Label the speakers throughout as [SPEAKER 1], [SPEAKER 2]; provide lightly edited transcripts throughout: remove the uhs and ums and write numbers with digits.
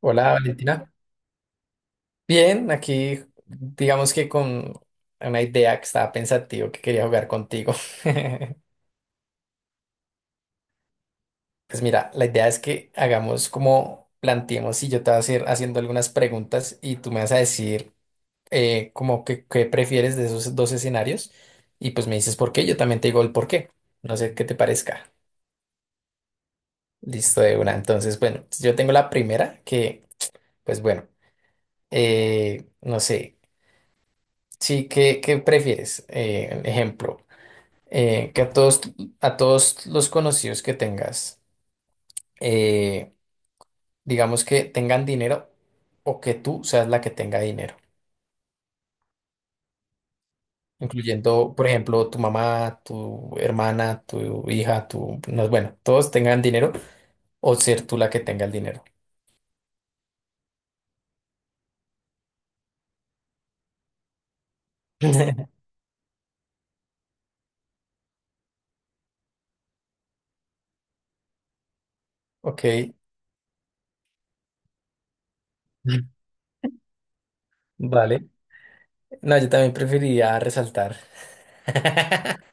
[SPEAKER 1] Hola Valentina. Bien, aquí digamos que con una idea que estaba pensativo que quería jugar contigo. Pues mira, la idea es que hagamos como planteemos y yo te voy a hacer haciendo algunas preguntas y tú me vas a decir como que qué prefieres de esos dos escenarios y pues me dices por qué, yo también te digo el por qué. No sé qué te parezca. Listo de una. Entonces, bueno, yo tengo la primera que, pues bueno, no sé. Sí, ¿qué prefieres? Ejemplo. Que a todos los conocidos que tengas, eh, digamos que tengan dinero o que tú seas la que tenga dinero, incluyendo, por ejemplo, tu mamá, tu hermana, tu hija, tu, no, bueno, todos tengan dinero o ser tú la que tenga el dinero. Ok, vale. No, yo también preferiría resaltar.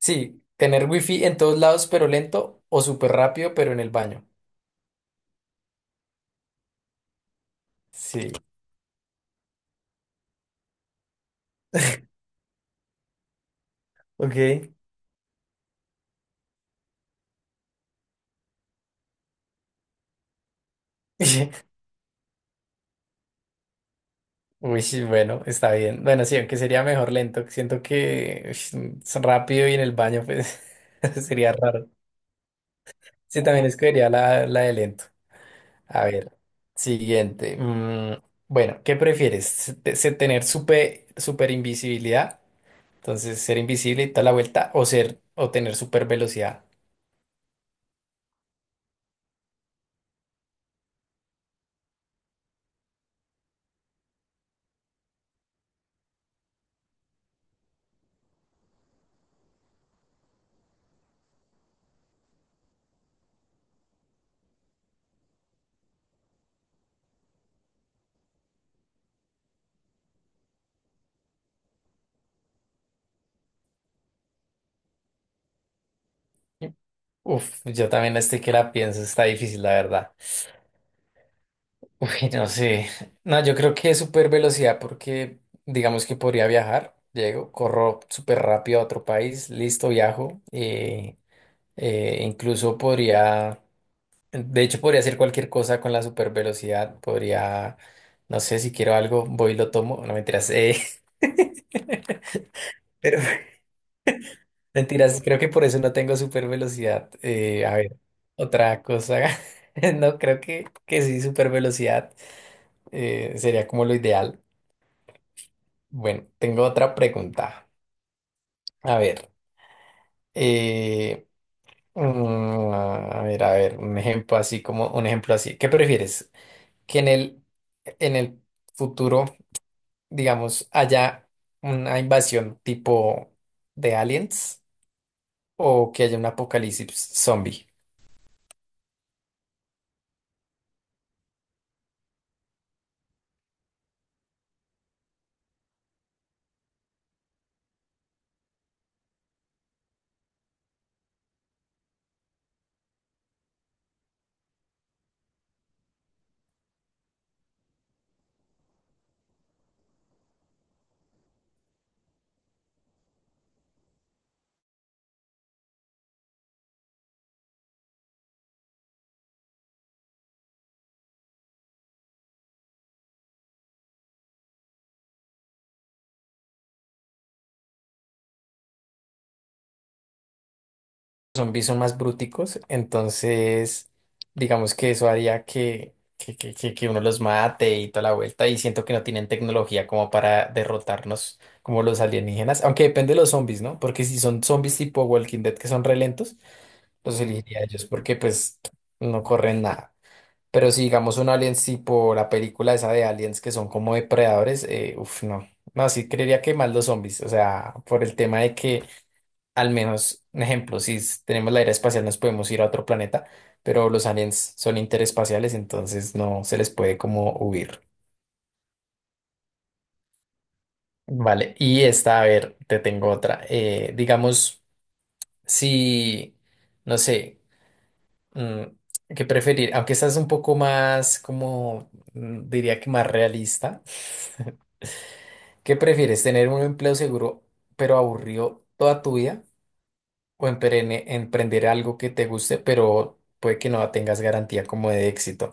[SPEAKER 1] Sí, tener wifi en todos lados pero lento o súper rápido pero en el baño. Sí. Ok. Uy, sí, bueno, está bien. Bueno, sí, aunque sería mejor lento. Siento que ush, es rápido y en el baño, pues sería raro. Sí, también escogería la de lento. A ver, siguiente. Mm, bueno, ¿qué prefieres? ¿Tener super, super invisibilidad? Entonces, ser invisible y toda la vuelta, o ser, o tener super velocidad. Uf, yo también estoy que la pienso, está difícil, la verdad. Uy, no sé. No, yo creo que es super velocidad porque digamos que podría viajar. Llego, corro súper rápido a otro país, listo, viajo. Incluso podría, de hecho podría hacer cualquier cosa con la super velocidad. Podría, no sé, si quiero algo, voy y lo tomo. No, mentiras. Pero mentiras, creo que por eso no tengo super velocidad. A ver, otra cosa. No, creo que sí, super velocidad sería como lo ideal. Bueno, tengo otra pregunta. A ver, eh, a ver, a ver, un ejemplo así como un ejemplo así. ¿Qué prefieres? Que en el futuro, digamos, haya una invasión tipo de aliens o que haya un apocalipsis zombie. Zombies son más brúticos, entonces digamos que eso haría que uno los mate y toda la vuelta, y siento que no tienen tecnología como para derrotarnos como los alienígenas, aunque depende de los zombies, ¿no? Porque si son zombies tipo Walking Dead que son re lentos, los elegiría a ellos porque pues no corren nada. Pero si digamos un aliens tipo la película esa de aliens que son como depredadores, uff, no. No, sí creería que más los zombies, o sea, por el tema de que al menos, un ejemplo, si s- tenemos la era espacial nos podemos ir a otro planeta, pero los aliens son interespaciales, entonces no se les puede como huir. Vale, y esta, a ver, te tengo otra. Digamos, si, no sé, mm, qué preferir, aunque esta es un poco más, como, diría que más realista, ¿qué prefieres? ¿Tener un empleo seguro pero aburrido toda tu vida, o emprender algo que te guste, pero puede que no tengas garantía como de éxito?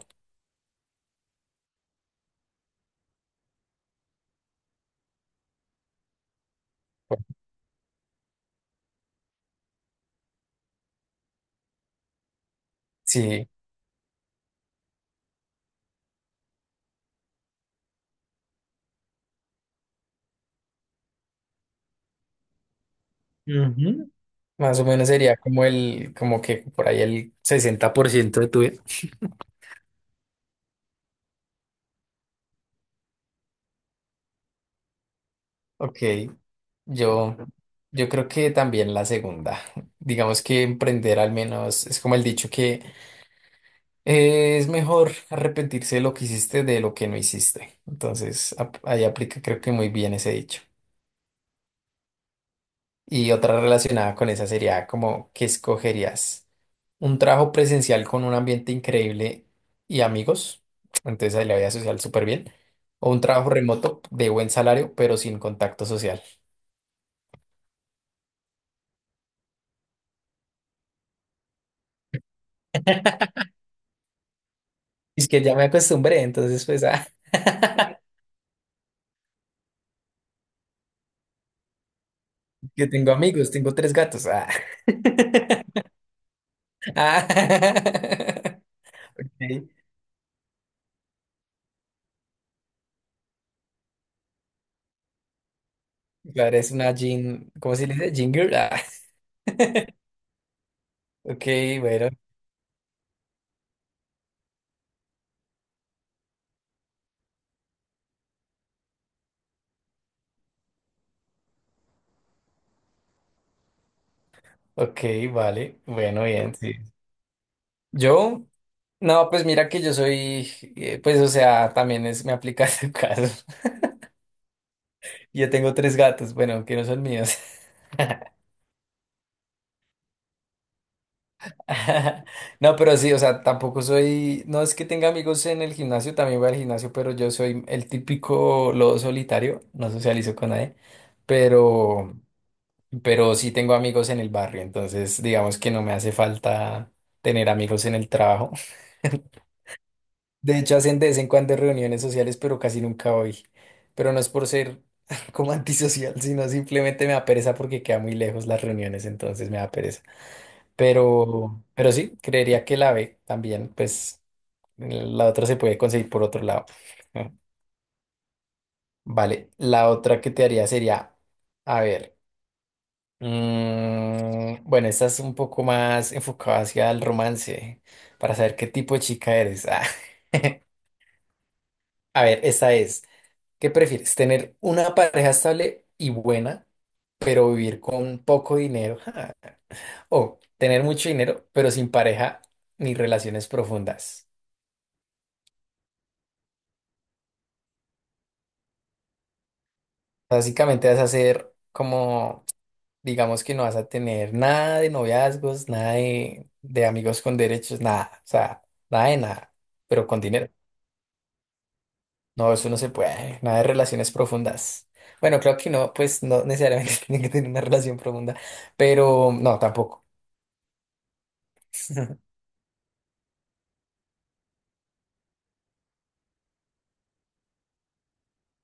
[SPEAKER 1] Sí, ujú, más o menos sería como el, como que por ahí el 60% de tu vida. Ok, yo, yo creo que también la segunda. Digamos que emprender al menos es como el dicho que es mejor arrepentirse de lo que hiciste de lo que no hiciste. Entonces, ahí aplica creo que muy bien ese dicho. Y otra relacionada con esa sería como, ¿qué escogerías? ¿Un trabajo presencial con un ambiente increíble y amigos? Entonces ahí la vida social súper bien. ¿O un trabajo remoto de buen salario pero sin contacto social? Es que ya me acostumbré, entonces pues, ah, yo tengo amigos, tengo tres gatos. Ah. Ah. Ok. Claro, es una jean, ¿cómo se le dice? Jean girl. Ah. Ok, bueno, ok, vale, bueno, bien, sí. Yo, no, pues mira que yo soy, pues o sea, también es, me aplica tu caso. Yo tengo tres gatos, bueno, que no son míos. No, pero sí, o sea, tampoco soy, no es que tenga amigos en el gimnasio, también voy al gimnasio, pero yo soy el típico lobo solitario, no socializo con nadie, pero, pero sí tengo amigos en el barrio, entonces digamos que no me hace falta tener amigos en el trabajo. De hecho, hacen de vez en cuando reuniones sociales, pero casi nunca voy. Pero no es por ser como antisocial, sino simplemente me da pereza porque queda muy lejos las reuniones, entonces me da pereza. Pero sí, creería que la B también, pues la otra se puede conseguir por otro lado. Vale, la otra que te haría sería, a ver, bueno, esta es un poco más enfocada hacia el romance, para saber qué tipo de chica eres. Ah, a ver, esta es. ¿Qué prefieres? ¿Tener una pareja estable y buena, pero vivir con poco dinero? Ja. ¿O tener mucho dinero, pero sin pareja ni relaciones profundas? Básicamente vas a ser como, digamos que no vas a tener nada de noviazgos, nada de amigos con derechos, nada. O sea, nada de nada, pero con dinero. No, eso no se puede. Nada de relaciones profundas. Bueno, creo que no, pues no necesariamente tiene que tener una relación profunda, pero no, tampoco.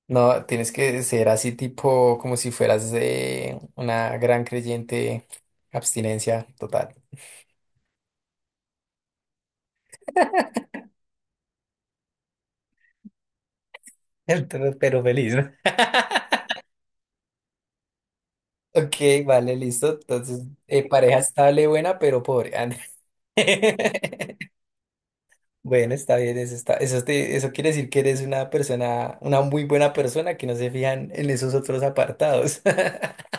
[SPEAKER 1] No, tienes que ser así tipo como si fueras una gran creyente, abstinencia total. Pero feliz, ¿no? Ok, vale, listo. Entonces, pareja estable, buena, pero pobre. Ah, no. Bueno, está bien, eso está, eso eso quiere decir que eres una persona, una muy buena persona que no se fijan en esos otros apartados.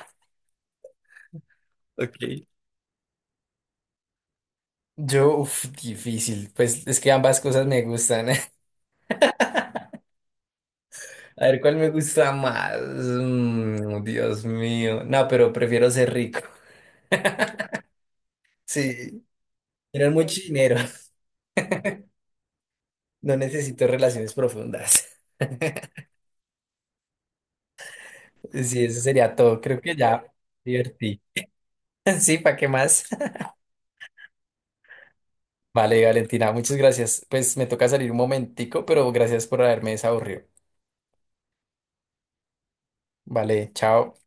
[SPEAKER 1] Ok. Yo, uff, difícil. Pues es que ambas cosas me gustan. A ver, ¿cuál me gusta más? Mm, Dios mío. No, pero prefiero ser rico. Sí, tener mucho dinero. No necesito relaciones profundas. Sí, eso sería todo. Creo que ya divertí. Sí, ¿para qué más? Vale, Valentina, muchas gracias. Pues me toca salir un momentico, pero gracias por haberme desaburrido. Vale, chao.